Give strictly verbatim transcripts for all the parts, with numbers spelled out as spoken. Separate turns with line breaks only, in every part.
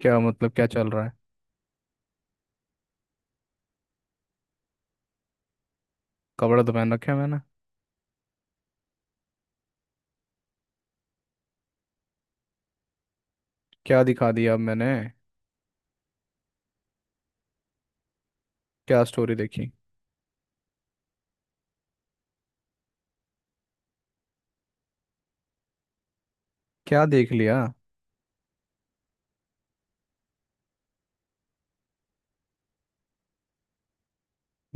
क्या मतलब क्या चल रहा है। कपड़ा तो पहन रखे हैं मैंने। क्या दिखा दिया अब मैंने। क्या स्टोरी देखी। क्या देख लिया।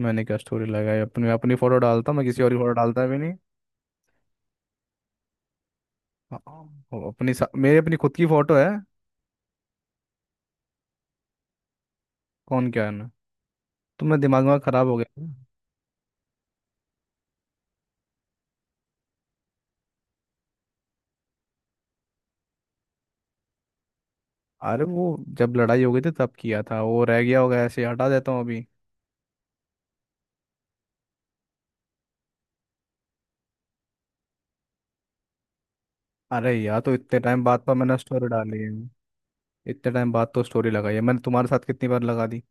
मैंने क्या स्टोरी लगाई अपनी, मैं अपनी फोटो डालता, मैं किसी और की फोटो डालता भी नहीं। हाँ, वो अपनी सा- मेरी अपनी खुद की फोटो है। कौन क्या है ना। तो मैं दिमाग में खराब हो गया था। अरे वो जब लड़ाई हो गई थी तब किया था, वो रह गया होगा ऐसे ही, हटा देता हूँ अभी। अरे यार, तो इतने टाइम बाद पर मैंने स्टोरी डाली है। इतने टाइम बाद तो स्टोरी लगाई है मैंने, तुम्हारे साथ कितनी बार लगा दी।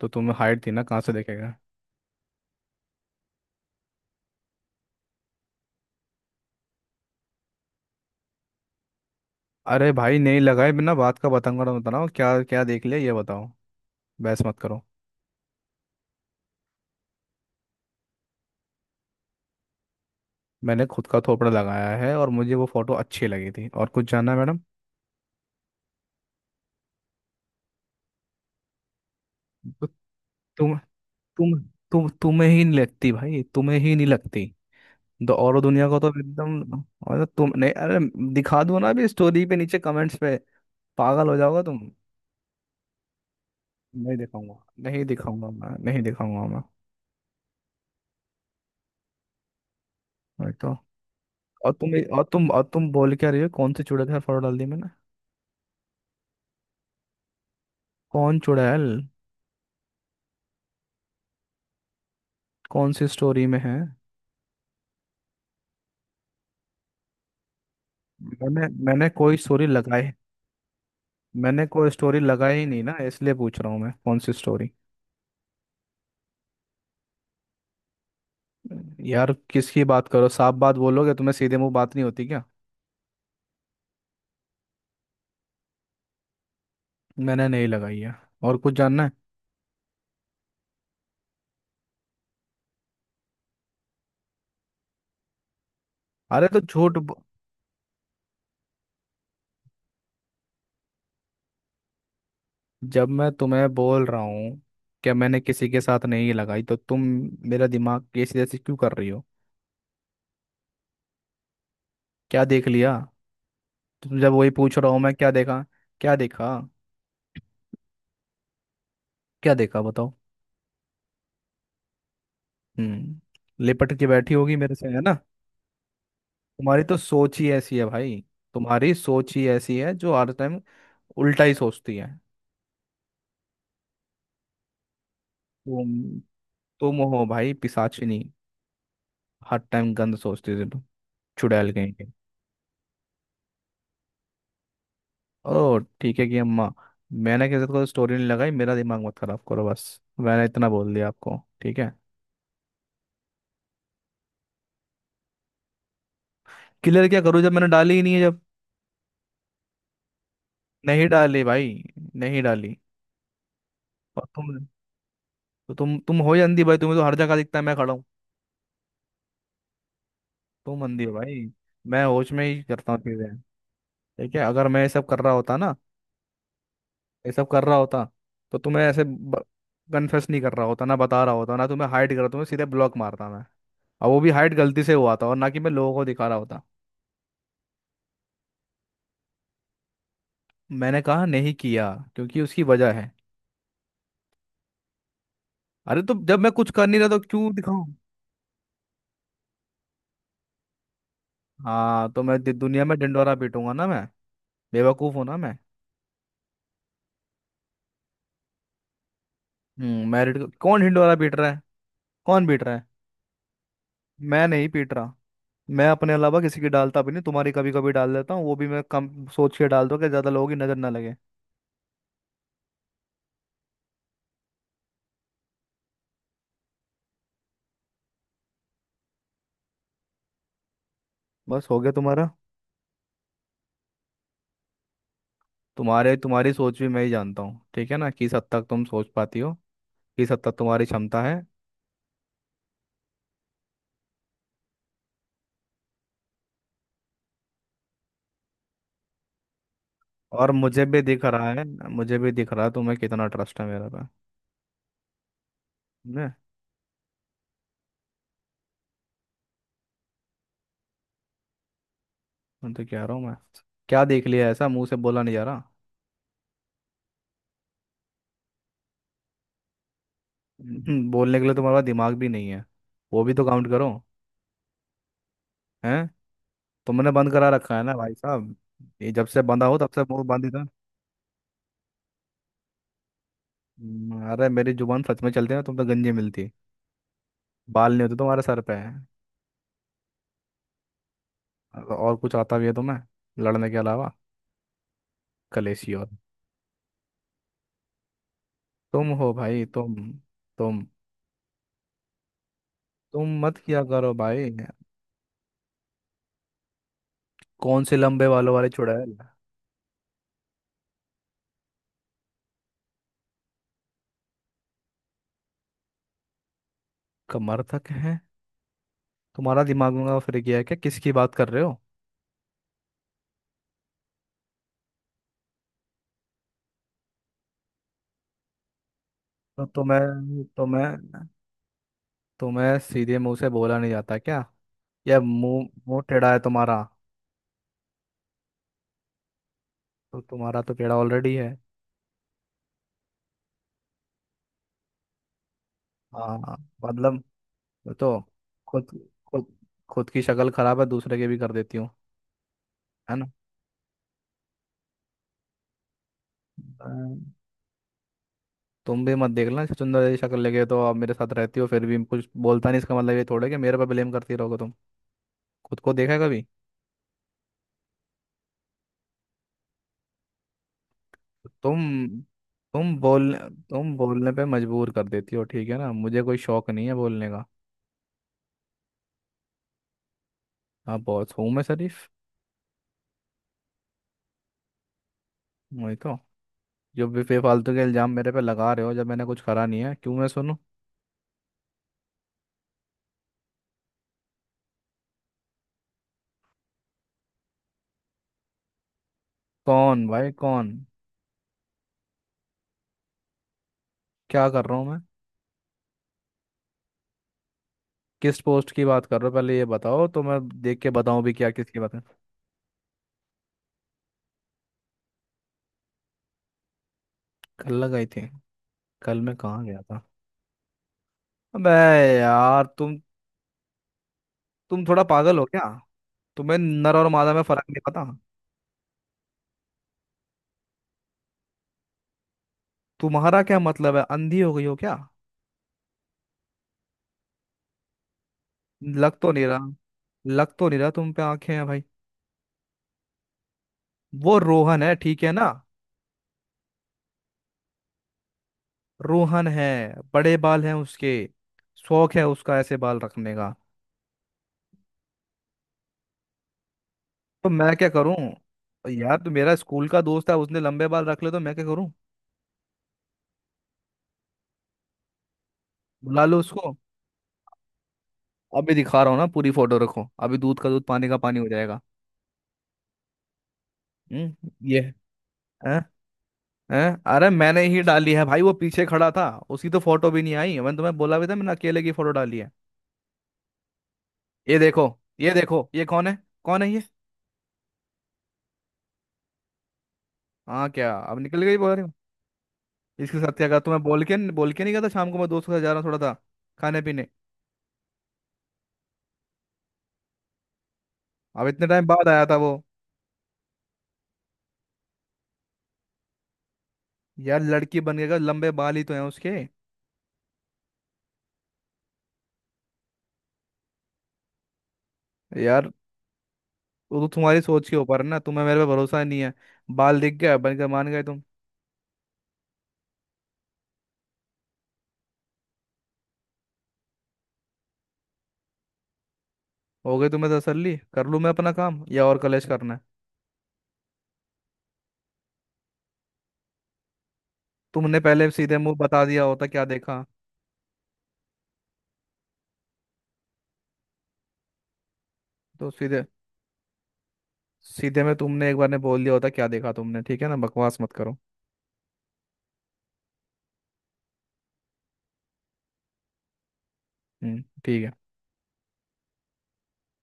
तो तुम्हें हाइट थी ना, कहाँ से देखेगा। अरे भाई, नहीं लगाए, बिना बात का बतंगड़ मत बनाओ। क्या क्या देख लिया ये बताओ। बहस मत करो। मैंने खुद का थोपड़ा लगाया है और मुझे वो फोटो अच्छी लगी थी। और कुछ जानना है मैडम। तो तुम तुम तुम तुम्हें ही नहीं लगती भाई, तुम्हें ही नहीं लगती। तो और दुनिया को तो एकदम। और तुम नहीं। अरे दिखा दो ना अभी स्टोरी पे, नीचे कमेंट्स पे। पागल हो जाओगे तुम। नहीं दिखाऊंगा। नहीं दिखाऊंगा मैं, नहीं दिखाऊंगा मैं। मैं तो। और तुम और तुम और तुम बोल क्या रही हो, कौन से चूड़े के साथ फोटो डाल दी मैंने। कौन चूड़ैल। कौन सी स्टोरी में है। मैंने मैंने कोई स्टोरी लगाई। मैंने कोई स्टोरी लगाई ही नहीं ना, इसलिए पूछ रहा हूँ मैं, कौन सी स्टोरी। यार किसकी बात करो, साफ बात बोलोगे, तुम्हें सीधे मुंह बात नहीं होती क्या। मैंने नहीं लगाई है। और कुछ जानना है। अरे तो झूठ ब- जब मैं तुम्हें बोल रहा हूँ कि मैंने किसी के साथ नहीं लगाई, तो तुम मेरा दिमाग कैसी जैसी क्यों कर रही हो। क्या देख लिया। तुम, जब वही पूछ रहा हूँ मैं, क्या देखा। क्या देखा। क्या देखा बताओ। हम्म, लिपट के बैठी होगी मेरे से है ना। तुम्हारी तो सोच ही ऐसी है भाई। तुम्हारी सोच ही ऐसी है जो हर टाइम उल्टा ही सोचती है। तुम तुम हो भाई पिशाचिनी। हर टाइम गंद सोचती थी तुम, चुड़ैल कहीं के। ओ ठीक है कि अम्मा, मैंने किसी को स्टोरी नहीं लगाई, मेरा दिमाग मत खराब करो बस। मैंने इतना बोल दिया आपको, ठीक है। क्लियर क्या करूँ जब मैंने डाली ही नहीं है जब। नहीं डाली भाई, नहीं डाली। और तुम। तो तुम तुम हो ही अंधी भाई, तुम्हें तो हर जगह दिखता है मैं खड़ा हूँ। तुम अंधी हो भाई। मैं होश में ही करता हूँ चीजें। ठीक है, अगर मैं ये सब कर रहा होता ना, ये सब कर रहा होता, तो तुम्हें ऐसे कन्फेस नहीं कर रहा होता ना, बता रहा होता ना, तुम्हें हाइड कर रहा, तुम्हें सीधे ब्लॉक मारता मैं। और वो भी हाइड गलती से हुआ था, और ना कि मैं लोगों को दिखा रहा होता। मैंने कहा नहीं किया, क्योंकि उसकी वजह है। अरे तो जब मैं कुछ कर नहीं रहा, तो क्यों दिखाऊं। हाँ तो मैं दि- दुनिया में ढिंढोरा पीटूंगा ना मैं, बेवकूफ हूं ना मैं। हम्म, मैरिड कौन ढिंढोरा पीट रहा है। कौन पीट रहा है। मैं नहीं पीट रहा। मैं अपने अलावा किसी की डालता भी नहीं, तुम्हारी कभी कभी डाल देता हूँ, वो भी मैं कम सोच के डाल दो कि ज्यादा लोगों की नजर ना लगे। बस हो गया तुम्हारा। तुम्हारे तुम्हारी सोच भी मैं ही जानता हूँ ठीक है ना, किस हद तक तुम सोच पाती हो, किस हद तक तुम्हारी क्षमता है। और मुझे भी दिख रहा है। मुझे भी दिख रहा है तुम्हें कितना ट्रस्ट है मेरे पे ने। मैं तो कह रहा हूँ मैं, क्या देख लिया ऐसा, मुंह से बोला नहीं जा रहा। हम्म, बोलने के लिए तुम्हारे पास दिमाग भी नहीं है, वो भी तो काउंट करो। हैं, तुमने बंद करा रखा है ना भाई साहब। ये जब से बंदा हो तब से मुंह बंद ही था। हम्म, अरे मेरी जुबान सच में चलती है ना, तुम तो गंजी मिलती, बाल नहीं होते तुम्हारे सर पे। और कुछ आता भी है तुम्हें लड़ने के अलावा, कलेशियो। तुम हो भाई। तुम तुम तुम मत किया करो भाई। कौन से लंबे बालों वाले चुड़ैल। कमर तक है। तुम्हारा दिमाग में फिर गया है क्या, किसकी बात कर रहे हो। तो तुम्हें तुम्हें तुम्हें सीधे मुंह से बोला नहीं जाता क्या, या मुंह मुंह टेढ़ा है तुम्हारा। तो तुम्हारा तो टेढ़ा ऑलरेडी है। हाँ, मतलब। मैं तो। खुद खुद खुद की शक्ल खराब है, दूसरे के भी कर देती हूँ। है ना, तुम भी मत देखना, चुंदर जैसी शक्ल लेके तो आप मेरे साथ रहती हो, फिर भी कुछ बोलता नहीं, इसका मतलब ये थोड़ा है कि मेरे पर ब्लेम करती रहोगे तुम। खुद को देखा है कभी। तुम तुम बोल तुम बोलने पे मजबूर कर देती हो ठीक है ना, मुझे कोई शौक नहीं है बोलने का। आप बहुत हूँ मैं शरीफ। वही तो, जो भी बेफालतू के इल्जाम मेरे पे लगा रहे हो, जब मैंने कुछ करा नहीं है, क्यों मैं सुनूं। कौन भाई कौन। क्या कर रहा हूँ मैं। किस पोस्ट की बात कर रहे हो, पहले ये बताओ, तो मैं देख के बताऊं भी, क्या किसकी बात है। कल लगाई थी। कल मैं कहाँ गया था। अबे यार, तुम तुम थोड़ा पागल हो क्या। तुम्हें नर और मादा में फर्क नहीं पता। तुम्हारा क्या मतलब है, अंधी हो गई हो क्या। लग तो नहीं रहा। लग तो नहीं रहा तुम पे आंखें हैं भाई। वो रोहन है ठीक है ना। रोहन है, बड़े बाल हैं उसके, शौक है उसका ऐसे बाल रखने का। तो मैं क्या करूं यार, तो मेरा स्कूल का दोस्त है, उसने लंबे बाल रख ले तो मैं क्या करूं। बुला लो उसको। अभी दिखा रहा हूँ ना, पूरी फोटो रखो अभी, दूध का दूध पानी का पानी हो जाएगा। हम्म ये है। हैं, अरे मैंने ही डाली है भाई, वो पीछे खड़ा था, उसकी तो फोटो भी नहीं आई। मैंने तुम्हें बोला भी था मैंने अकेले की फोटो डाली है। ये देखो, ये देखो ये कौन है। कौन है ये। हाँ क्या, अब निकल गई बोल रही हूँ। इसके साथ क्या, कहा तुम्हें, बोल के बोल के नहीं गया था शाम को, मैं दोस्तों के साथ जा रहा हूँ थोड़ा सा। खाने पीने, अब इतने टाइम बाद आया था वो। यार लड़की बन गया, लंबे बाल ही तो हैं उसके। यार वो तो तुम्हारी सोच के ऊपर है ना, तुम्हें मेरे पे भरोसा नहीं है। बाल दिख गया बन के मान गए तुम। हो गई तुम्हें तसल्ली, कर लूँ मैं अपना काम, या और कलेश करना है। तुमने पहले सीधे मुंह बता दिया होता क्या देखा। तो सीधे सीधे में तुमने एक बार ने बोल दिया होता क्या देखा तुमने, ठीक है ना, बकवास मत करो। हम्म ठीक है।